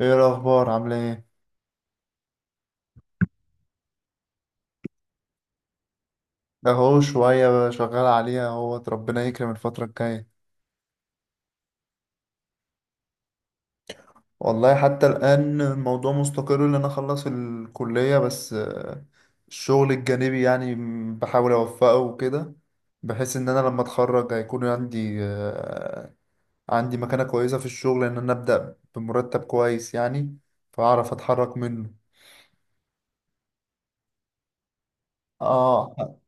ايه الاخبار؟ عامله ايه؟ اهو شويه بقى شغال عليها اهوت، ربنا يكرم الفتره الجايه. والله حتى الان الموضوع مستقر ان انا اخلص الكليه بس، الشغل الجانبي يعني بحاول اوفقه وكده، بحيث ان انا لما اتخرج هيكون عندي، عندي مكانه كويسه في الشغل، ان انا ابدا بمرتب كويس يعني فاعرف اتحرك منه. اه.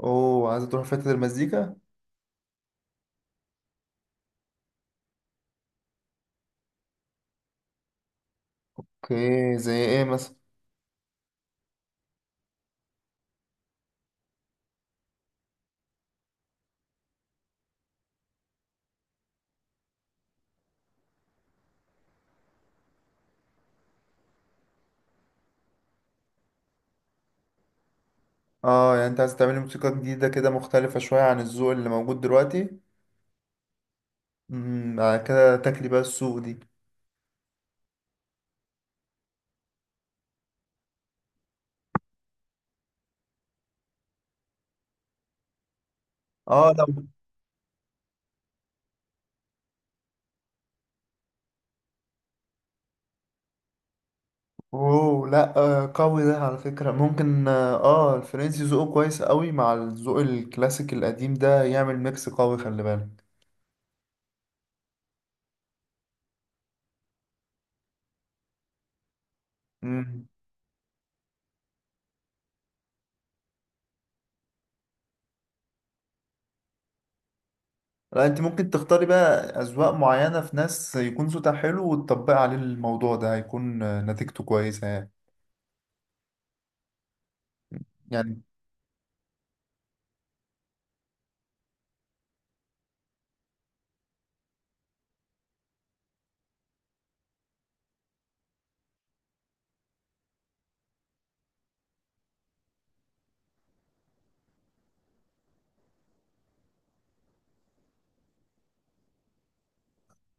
اوه، عايزه تروح في حته المزيكا. اوكي، زي ايه مثلا؟ اه، يعني انت عايز تعملي موسيقى جديدة كده مختلفة شوية عن الذوق اللي موجود دلوقتي. امم، بعد كده تاكلي بقى السوق دي. اه. لا، اوه لا، قوي ده على فكرة، ممكن الفرنسي ذوقه كويس قوي مع الذوق الكلاسيك القديم ده، يعمل ميكس قوي، خلي بالك. امم. لا، انت ممكن تختاري بقى اذواق معينة في ناس يكون صوتها حلو، وتطبقي عليه الموضوع ده هيكون، نتيجته كويسة يعني. يعني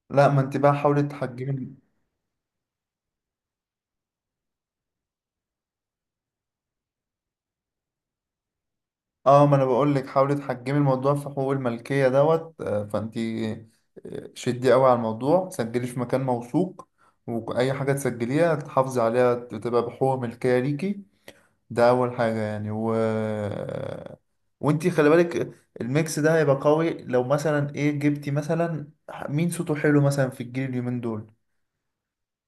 لا، ما انت بقى حاولي تحجمي. اه، ما انا بقول لك حاولي تحجمي الموضوع في حقوق الملكيه دوت، فانتي شدي قوي على الموضوع، سجلي في مكان موثوق، واي حاجه تسجليها تحافظي عليها تبقى بحقوق ملكيه ليكي. ده اول حاجه يعني. و وانتي خلي بالك، الميكس ده هيبقى قوي لو مثلا ايه جبتي مثلا مين صوته حلو مثلا في الجيل اليومين دول.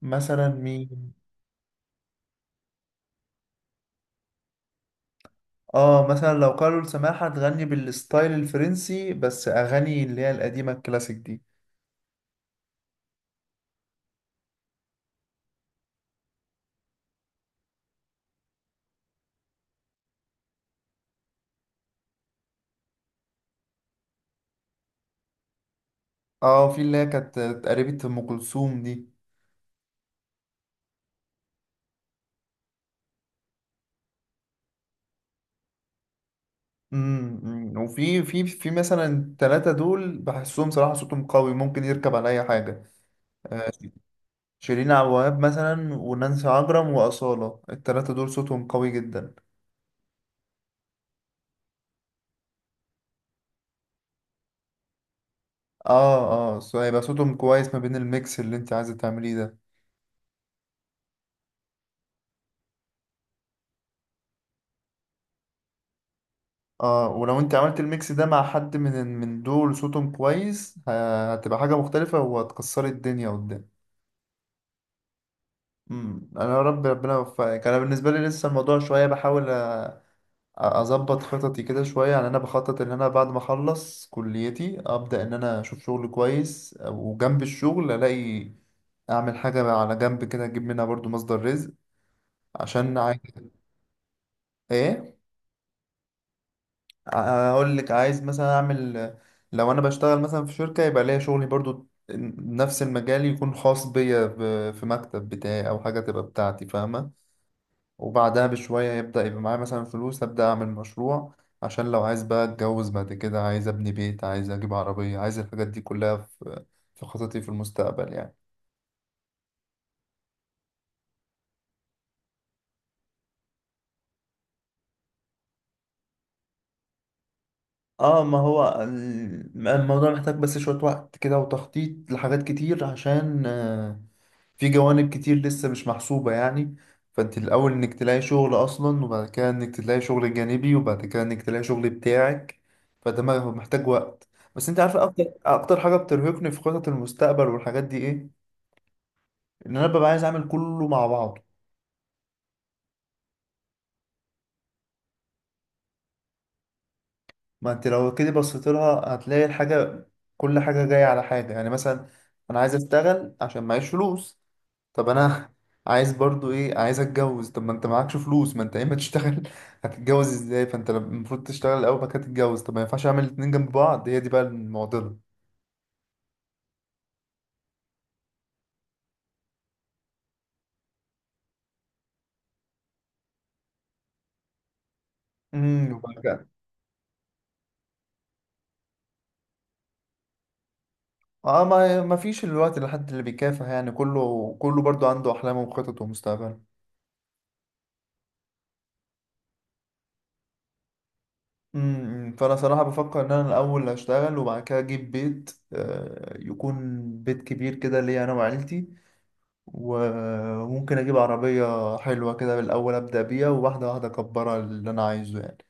مثلا مين؟ اه، مثلا لو قالوا سماحة تغني بالستايل الفرنسي بس اغاني اللي هي القديمه الكلاسيك دي. اه، في اللي هي كانت قريبة ام كلثوم دي. أمم. وفي في في مثلا التلاتة دول بحسهم صراحة صوتهم قوي ممكن يركب على اي حاجة. شيرين عبد الوهاب مثلا، ونانسي عجرم، وأصالة، التلاتة دول صوتهم قوي جدا. اه اه، هيبقى صوتهم كويس ما بين الميكس اللي انت عايزة تعمليه ده. اه، ولو انت عملت الميكس ده مع حد من دول صوتهم كويس هتبقى حاجة مختلفة وهتكسري الدنيا قدام. امم، انا يا رب ربنا يوفقك. انا بالنسبة لي لسه الموضوع شوية، بحاول اظبط خططي كده شويه يعني. انا بخطط ان انا بعد ما اخلص كليتي ابدا ان انا اشوف شغل كويس، وجنب الشغل الاقي اعمل حاجه على جنب كده اجيب منها برضو مصدر رزق، عشان عايز. ايه؟ اقول لك عايز مثلا اعمل، لو انا بشتغل مثلا في شركه يبقى ليا شغلي برضو نفس المجال، يكون خاص بيا، في مكتب بتاعي او حاجه تبقى بتاعتي، فاهمه؟ وبعدها بشوية يبدأ يبقى معايا مثلا فلوس، أبدأ أعمل مشروع، عشان لو عايز بقى أتجوز بعد كده، عايز أبني بيت، عايز أجيب عربية، عايز الحاجات دي كلها في في خططي في المستقبل يعني. اه، ما هو الموضوع محتاج بس شوية وقت كده، وتخطيط لحاجات كتير، عشان، في جوانب كتير لسه مش محسوبة يعني. فانت الأول انك تلاقي شغل أصلا، وبعد كده انك تلاقي شغل جانبي، وبعد كده انك تلاقي شغل بتاعك، فده هو محتاج وقت. بس انت عارف اكتر اكتر حاجة بترهقني في خطط المستقبل والحاجات دي ايه؟ ان انا ببقى عايز اعمل كله مع بعضه. ما انت لو كده بصيت لها هتلاقي الحاجة، كل حاجة جاية على حاجة يعني. مثلا انا عايز اشتغل عشان معيش فلوس، طب انا عايز برضو ايه؟ عايز اتجوز، طب ما انت معكش فلوس، ما انت اما تشتغل هتتجوز ازاي؟ فانت المفروض تشتغل الاول بعد كده تتجوز، طب ما ينفعش اعمل الاتنين جنب بعض؟ هي دي بقى المعضله. امم، وبعد كده. اه، ما فيش الوقت لحد اللي بيكافح يعني، كله برضو عنده احلامه وخططه ومستقبله. امم، فانا صراحه بفكر ان انا الاول هشتغل، وبعد كده اجيب بيت، يكون بيت كبير كده ليا انا وعيلتي، وممكن اجيب عربية حلوة كده بالاول ابدأ بيها، وواحدة واحدة اكبرها اللي انا عايزه يعني.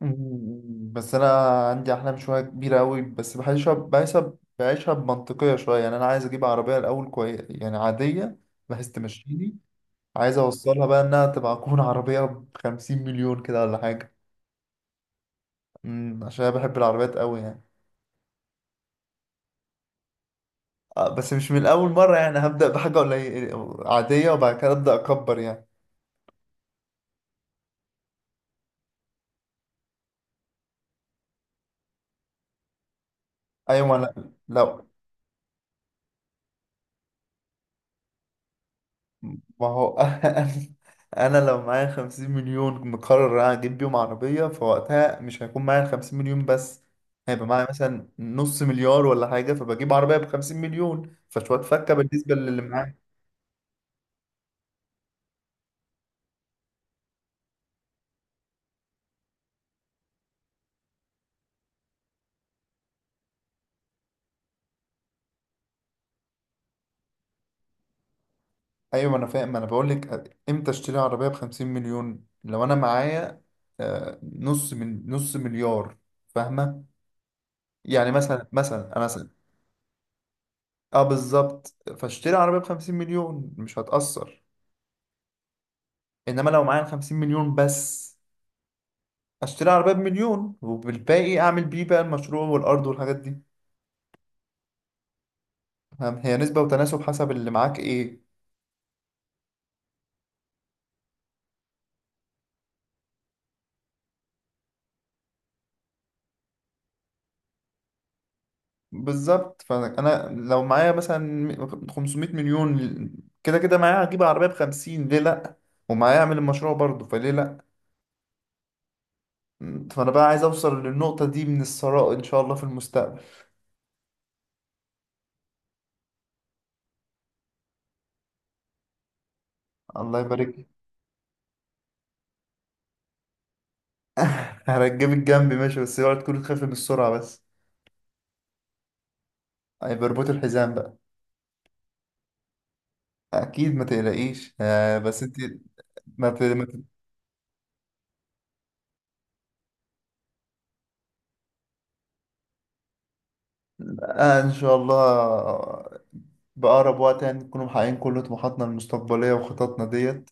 مم، بس انا عندي احلام شوية كبيرة قوي، بس بحسها بعيشها بمنطقية شوية يعني. انا عايز اجيب عربية الاول كويس يعني عادية بحيث تمشيني، عايز اوصلها بقى انها تبقى تكون عربية بخمسين مليون كده ولا حاجة. مم، عشان انا بحب العربيات قوي يعني. بس مش من اول مرة يعني، هبدأ بحاجة قليلة عادية وبعد كده ابدأ اكبر يعني. ايوه، ما أنا- لو ما هو أنا لو معايا 50 مليون مقرر انا اجيب بيهم عربيه، فوقتها مش هيكون معايا 50 مليون بس، هيبقى معايا مثلا نص مليار ولا حاجه، فبجيب عربيه ب 50 مليون فشويه فكه بالنسبه للي معايا. ايوه، ما انا فاهم، ما انا بقول لك امتى اشتري عربيه ب 50 مليون؟ لو انا معايا، نص من نص مليار، فاهمه؟ يعني مثلا، اه بالظبط، فاشتري عربيه ب 50 مليون مش هتاثر، انما لو معايا 50 مليون بس، اشتري عربية بمليون وبالباقي اعمل بيه بقى المشروع والارض والحاجات دي، فاهم؟ هي نسبة وتناسب حسب اللي معاك ايه. بالظبط، فانا لو معايا مثلا 500 مليون، كده كده معايا هجيب عربية بخمسين، ليه لا؟ ومعايا اعمل المشروع برضه، فليه لا؟ فانا بقى عايز اوصل للنقطة دي من الثراء ان شاء الله في المستقبل. الله يبارك لي. هرجب الجنب ماشي، بس اوعى تكون تخاف من السرعة بس. هيبقى رباط الحزام بقى. اكيد، ما تقلقيش، بس انت ما ت- ما إن شاء الله، بأقرب وقت يعني نكون محققين كل طموحاتنا المستقبلية وخططنا ديت.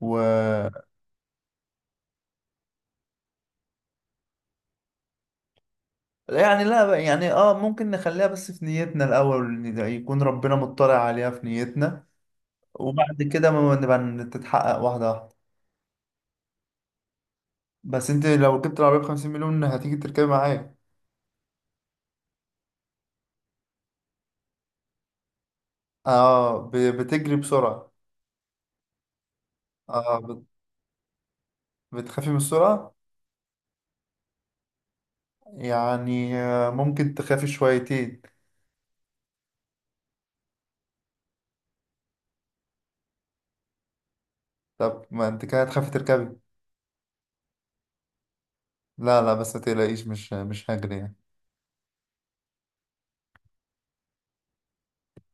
و، يعني لا بقى- يعني اه ممكن نخليها بس في نيتنا الأول، إن ده يكون ربنا مطلع عليها في نيتنا، وبعد كده ما نبقى تتحقق واحدة واحدة. بس انت لو جبت العربية بخمسين مليون هتيجي تركبي معايا؟ اه، بتجري بسرعة. اه، بتخافي من السرعة؟ يعني، ممكن تخافي شويتين. طب ما انت كده هتخافي تركبي. لا لا، بس ما تقلقيش، مش هجري يعني.